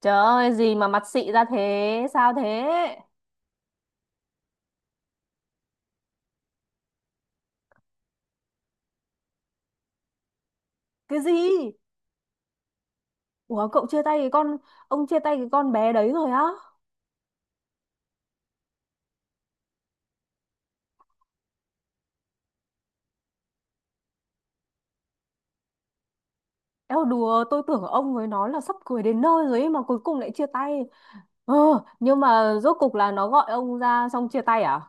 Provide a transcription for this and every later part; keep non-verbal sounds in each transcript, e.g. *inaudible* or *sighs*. Trời ơi, gì mà mặt xị ra thế? Sao thế? Cái gì? Ủa, cậu chia tay cái con, ông chia tay cái con bé đấy rồi á? Eo đùa, tôi tưởng ông với nó là sắp cưới đến nơi rồi ấy mà cuối cùng lại chia tay. Ờ, nhưng mà rốt cục là nó gọi ông ra xong chia tay à?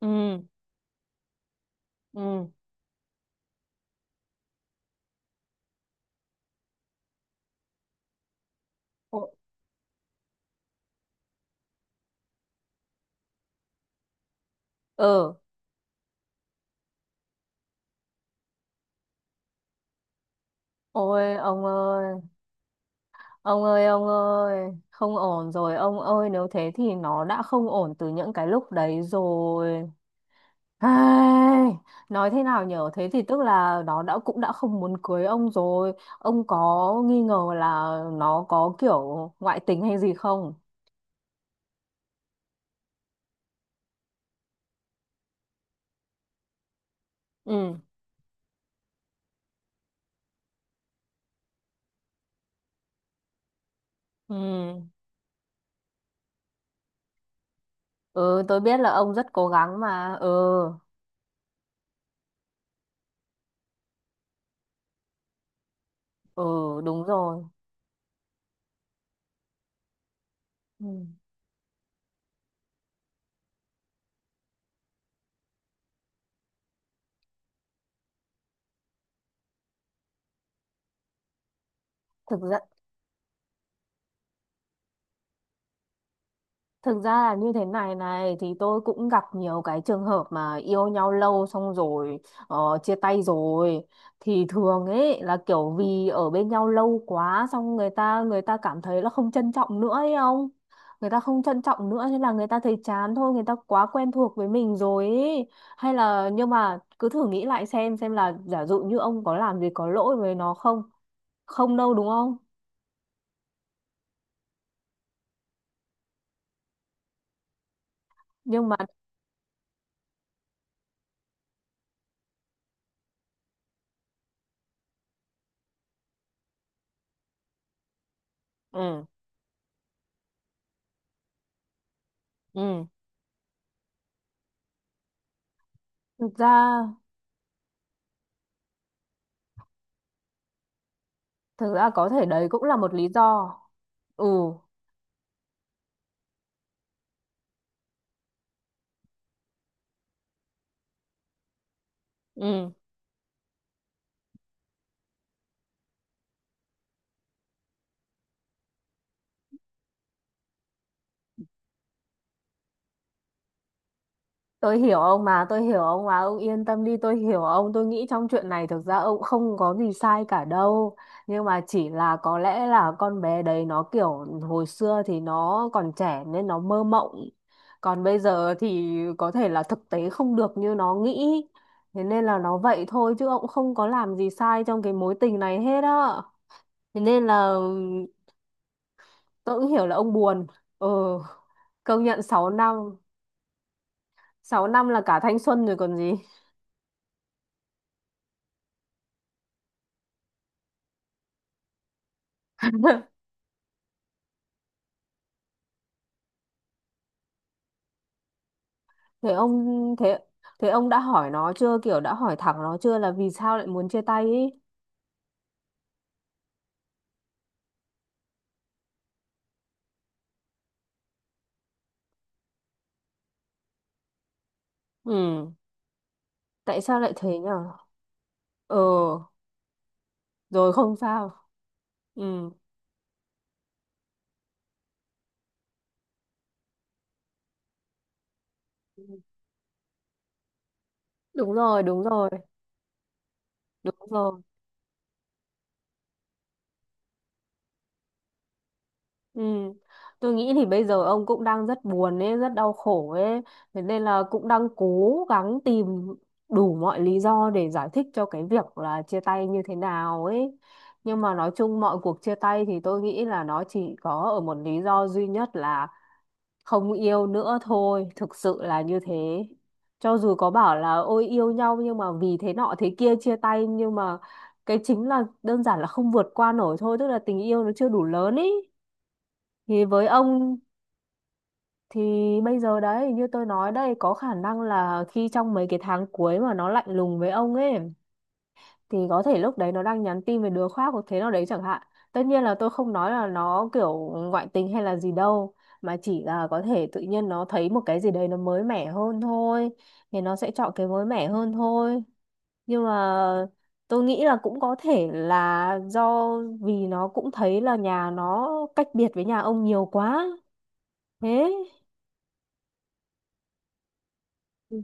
Ừ, ừ. Ồ- Ừ. Ôi, ông ơi, ông ơi, ông ơi, không ổn rồi, ông ơi, nếu thế thì nó đã không ổn từ những cái lúc đấy rồi. Ai, nói thế nào nhở? Thế thì tức là nó đã cũng đã không muốn cưới ông rồi. Ông có nghi ngờ là nó có kiểu ngoại tình hay gì không? Ừ, ừ, ừ, tôi biết là ông rất cố gắng mà. Ừ, ừ, đúng rồi, ừ. thực ra Thực ra là như thế này này, thì tôi cũng gặp nhiều cái trường hợp mà yêu nhau lâu xong rồi, ờ, chia tay rồi, thì thường ấy là kiểu vì ở bên nhau lâu quá xong người ta cảm thấy là không trân trọng nữa ấy, không, người ta không trân trọng nữa nên là người ta thấy chán thôi, người ta quá quen thuộc với mình rồi ấy. Hay là nhưng mà cứ thử nghĩ lại xem là giả dụ như ông có làm gì có lỗi với nó không? Không đâu đúng không? Nhưng mà, ừ, ừ, thực ra thực ra có thể đấy cũng là một lý do. Ừ, ừ, tôi hiểu ông mà, tôi hiểu ông mà, ông yên tâm đi, tôi hiểu ông. Tôi nghĩ trong chuyện này thực ra ông không có gì sai cả đâu. Nhưng mà chỉ là có lẽ là con bé đấy nó kiểu hồi xưa thì nó còn trẻ nên nó mơ mộng. Còn bây giờ thì có thể là thực tế không được như nó nghĩ. Thế nên là nó vậy thôi chứ ông không có làm gì sai trong cái mối tình này hết á. Thế nên là tôi cũng hiểu là ông buồn, ừ, công nhận 6 năm. Sáu năm là cả thanh xuân rồi còn gì. *laughs* thế ông thế Thế ông đã hỏi nó chưa, kiểu đã hỏi thẳng nó chưa là vì sao lại muốn chia tay ý? Ừ, tại sao lại thế nhở? Ừ, rồi không sao. Ừ, đúng rồi, đúng rồi, đúng rồi. Ừ. Tôi nghĩ thì bây giờ ông cũng đang rất buồn ấy, rất đau khổ ấy, thế nên là cũng đang cố gắng tìm đủ mọi lý do để giải thích cho cái việc là chia tay như thế nào ấy. Nhưng mà nói chung mọi cuộc chia tay thì tôi nghĩ là nó chỉ có ở một lý do duy nhất là không yêu nữa thôi, thực sự là như thế. Cho dù có bảo là ôi yêu nhau nhưng mà vì thế nọ thế kia chia tay, nhưng mà cái chính là đơn giản là không vượt qua nổi thôi, tức là tình yêu nó chưa đủ lớn ý. Thì với ông thì bây giờ đấy, như tôi nói đây, có khả năng là khi trong mấy cái tháng cuối mà nó lạnh lùng với ông ấy thì có thể lúc đấy nó đang nhắn tin về đứa khác hoặc thế nào đấy chẳng hạn. Tất nhiên là tôi không nói là nó kiểu ngoại tình hay là gì đâu, mà chỉ là có thể tự nhiên nó thấy một cái gì đấy nó mới mẻ hơn thôi, thì nó sẽ chọn cái mới mẻ hơn thôi. Nhưng mà tôi nghĩ là cũng có thể là do vì nó cũng thấy là nhà nó cách biệt với nhà ông nhiều quá. Thế. Ừ.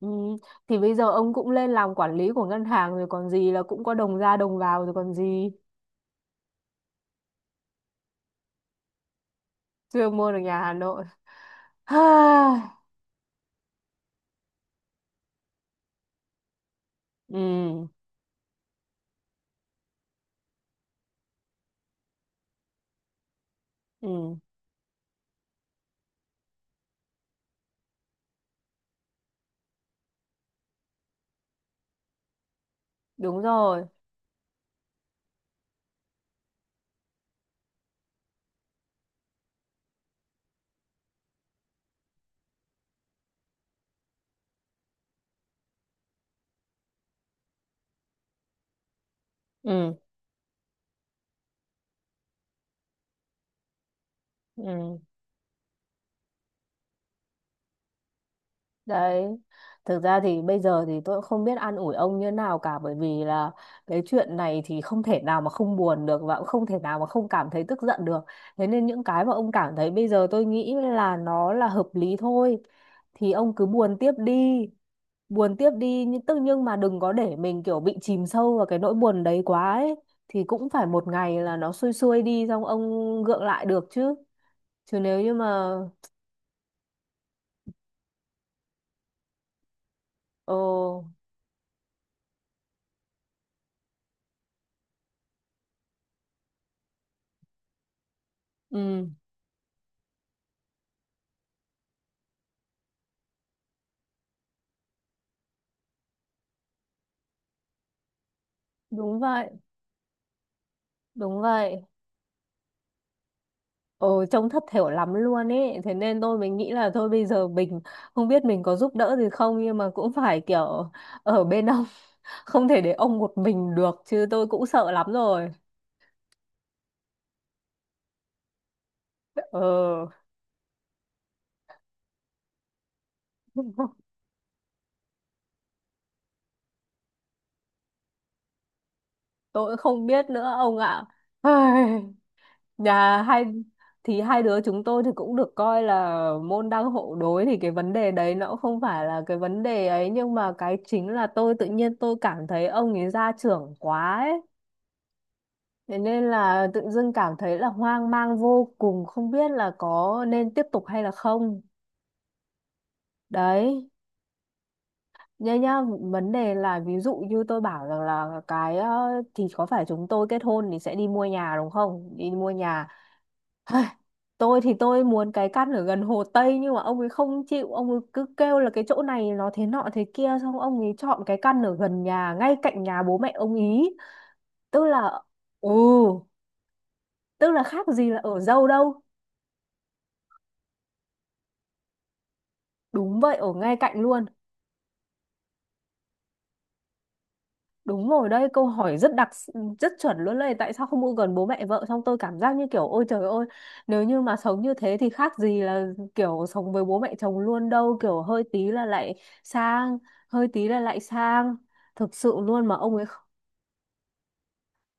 Ừ. Thì bây giờ ông cũng lên làm quản lý của ngân hàng rồi còn gì, là cũng có đồng ra đồng vào rồi còn gì. Chưa mua được nhà Hà Nội. *sighs* Ừ, ừ, đúng rồi, ừ, ừ. Đấy, thực ra thì bây giờ thì tôi cũng không biết an ủi ông như nào cả, bởi vì là cái chuyện này thì không thể nào mà không buồn được, và cũng không thể nào mà không cảm thấy tức giận được. Thế nên những cái mà ông cảm thấy bây giờ tôi nghĩ là nó là hợp lý thôi, thì ông cứ buồn tiếp đi. Buồn tiếp đi nhưng tức nhưng mà đừng có để mình kiểu bị chìm sâu vào cái nỗi buồn đấy quá ấy, thì cũng phải một ngày là nó xuôi xuôi đi xong ông gượng lại được chứ. Chứ nếu như mà, ồ, ừ, đúng vậy. Đúng vậy. Ừ, trông thất thểu lắm luôn ấy. Thế nên tôi mình nghĩ là thôi bây giờ mình không biết mình có giúp đỡ gì không nhưng mà cũng phải kiểu ở bên ông. *laughs* Không thể để ông một mình được chứ, tôi cũng sợ lắm rồi. Ừ. *laughs* Tôi cũng không biết nữa ông ạ. Ai, Nhà hai thì hai đứa chúng tôi thì cũng được coi là môn đăng hộ đối, thì cái vấn đề đấy nó cũng không phải là cái vấn đề ấy, nhưng mà cái chính là tôi tự nhiên tôi cảm thấy ông ấy gia trưởng quá ấy. Thế nên là tự dưng cảm thấy là hoang mang vô cùng, không biết là có nên tiếp tục hay là không. Đấy, nhá nhá, vấn đề là ví dụ như tôi bảo rằng là thì có phải chúng tôi kết hôn thì sẽ đi mua nhà đúng không? Đi mua nhà. Tôi thì tôi muốn cái căn ở gần Hồ Tây nhưng mà ông ấy không chịu, ông ấy cứ kêu là cái chỗ này nó thế nọ thế kia xong ông ấy chọn cái căn ở gần nhà, ngay cạnh nhà bố mẹ ông ý. Tức là ừ, tức là khác gì là ở dâu đâu. Đúng vậy, ở ngay cạnh luôn. Đúng rồi đấy, câu hỏi rất chuẩn luôn đấy, tại sao không ở gần bố mẹ vợ, xong tôi cảm giác như kiểu ôi trời ơi, nếu như mà sống như thế thì khác gì là kiểu sống với bố mẹ chồng luôn đâu, kiểu hơi tí là lại sang, hơi tí là lại sang. Thực sự luôn mà ông ấy kh-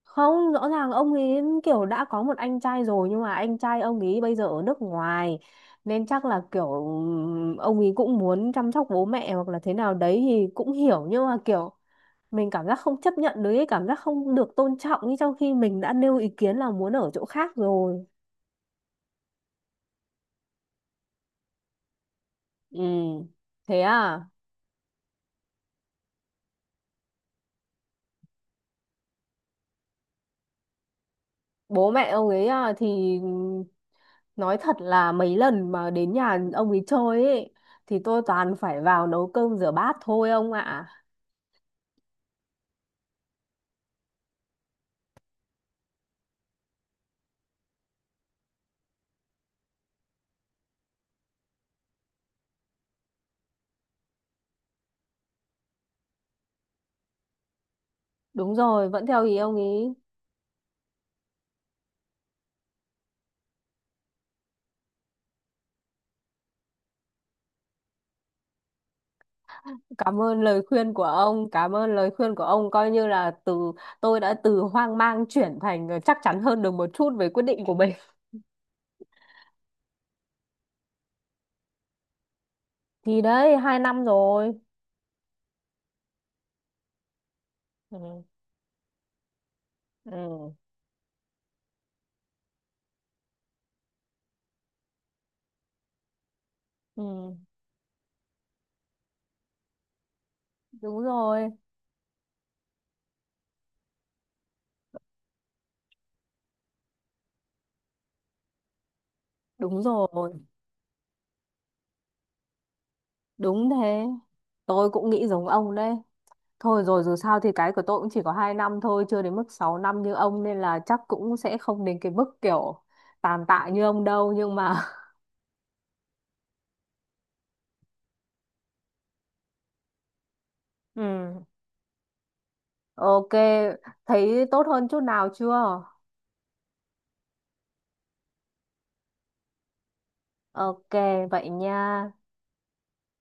không, rõ ràng ông ấy kiểu đã có một anh trai rồi nhưng mà anh trai ông ấy bây giờ ở nước ngoài, nên chắc là kiểu ông ấy cũng muốn chăm sóc bố mẹ hoặc là thế nào đấy thì cũng hiểu, nhưng mà kiểu mình cảm giác không chấp nhận được cái cảm giác không được tôn trọng như trong khi mình đã nêu ý kiến là muốn ở chỗ khác rồi. Ừ, thế à? Bố mẹ ông ấy à, thì nói thật là mấy lần mà đến nhà ông ấy chơi ấy thì tôi toàn phải vào nấu cơm rửa bát thôi ông ạ. Đúng rồi vẫn theo ý ông ấy. Cảm ơn lời khuyên của ông, coi như là tôi đã từ hoang mang chuyển thành chắc chắn hơn được một chút về quyết định của mình. Thì đấy, 2 năm rồi. Ừ. Ừ, ừ, đúng rồi, đúng rồi, đúng thế. Tôi cũng nghĩ giống ông đấy. Thôi rồi dù sao thì cái của tôi cũng chỉ có 2 năm thôi, chưa đến mức 6 năm như ông nên là chắc cũng sẽ không đến cái mức kiểu tàn tạ như ông đâu, nhưng mà *laughs* ừ, ok, thấy tốt hơn chút nào chưa? Ok, vậy nha.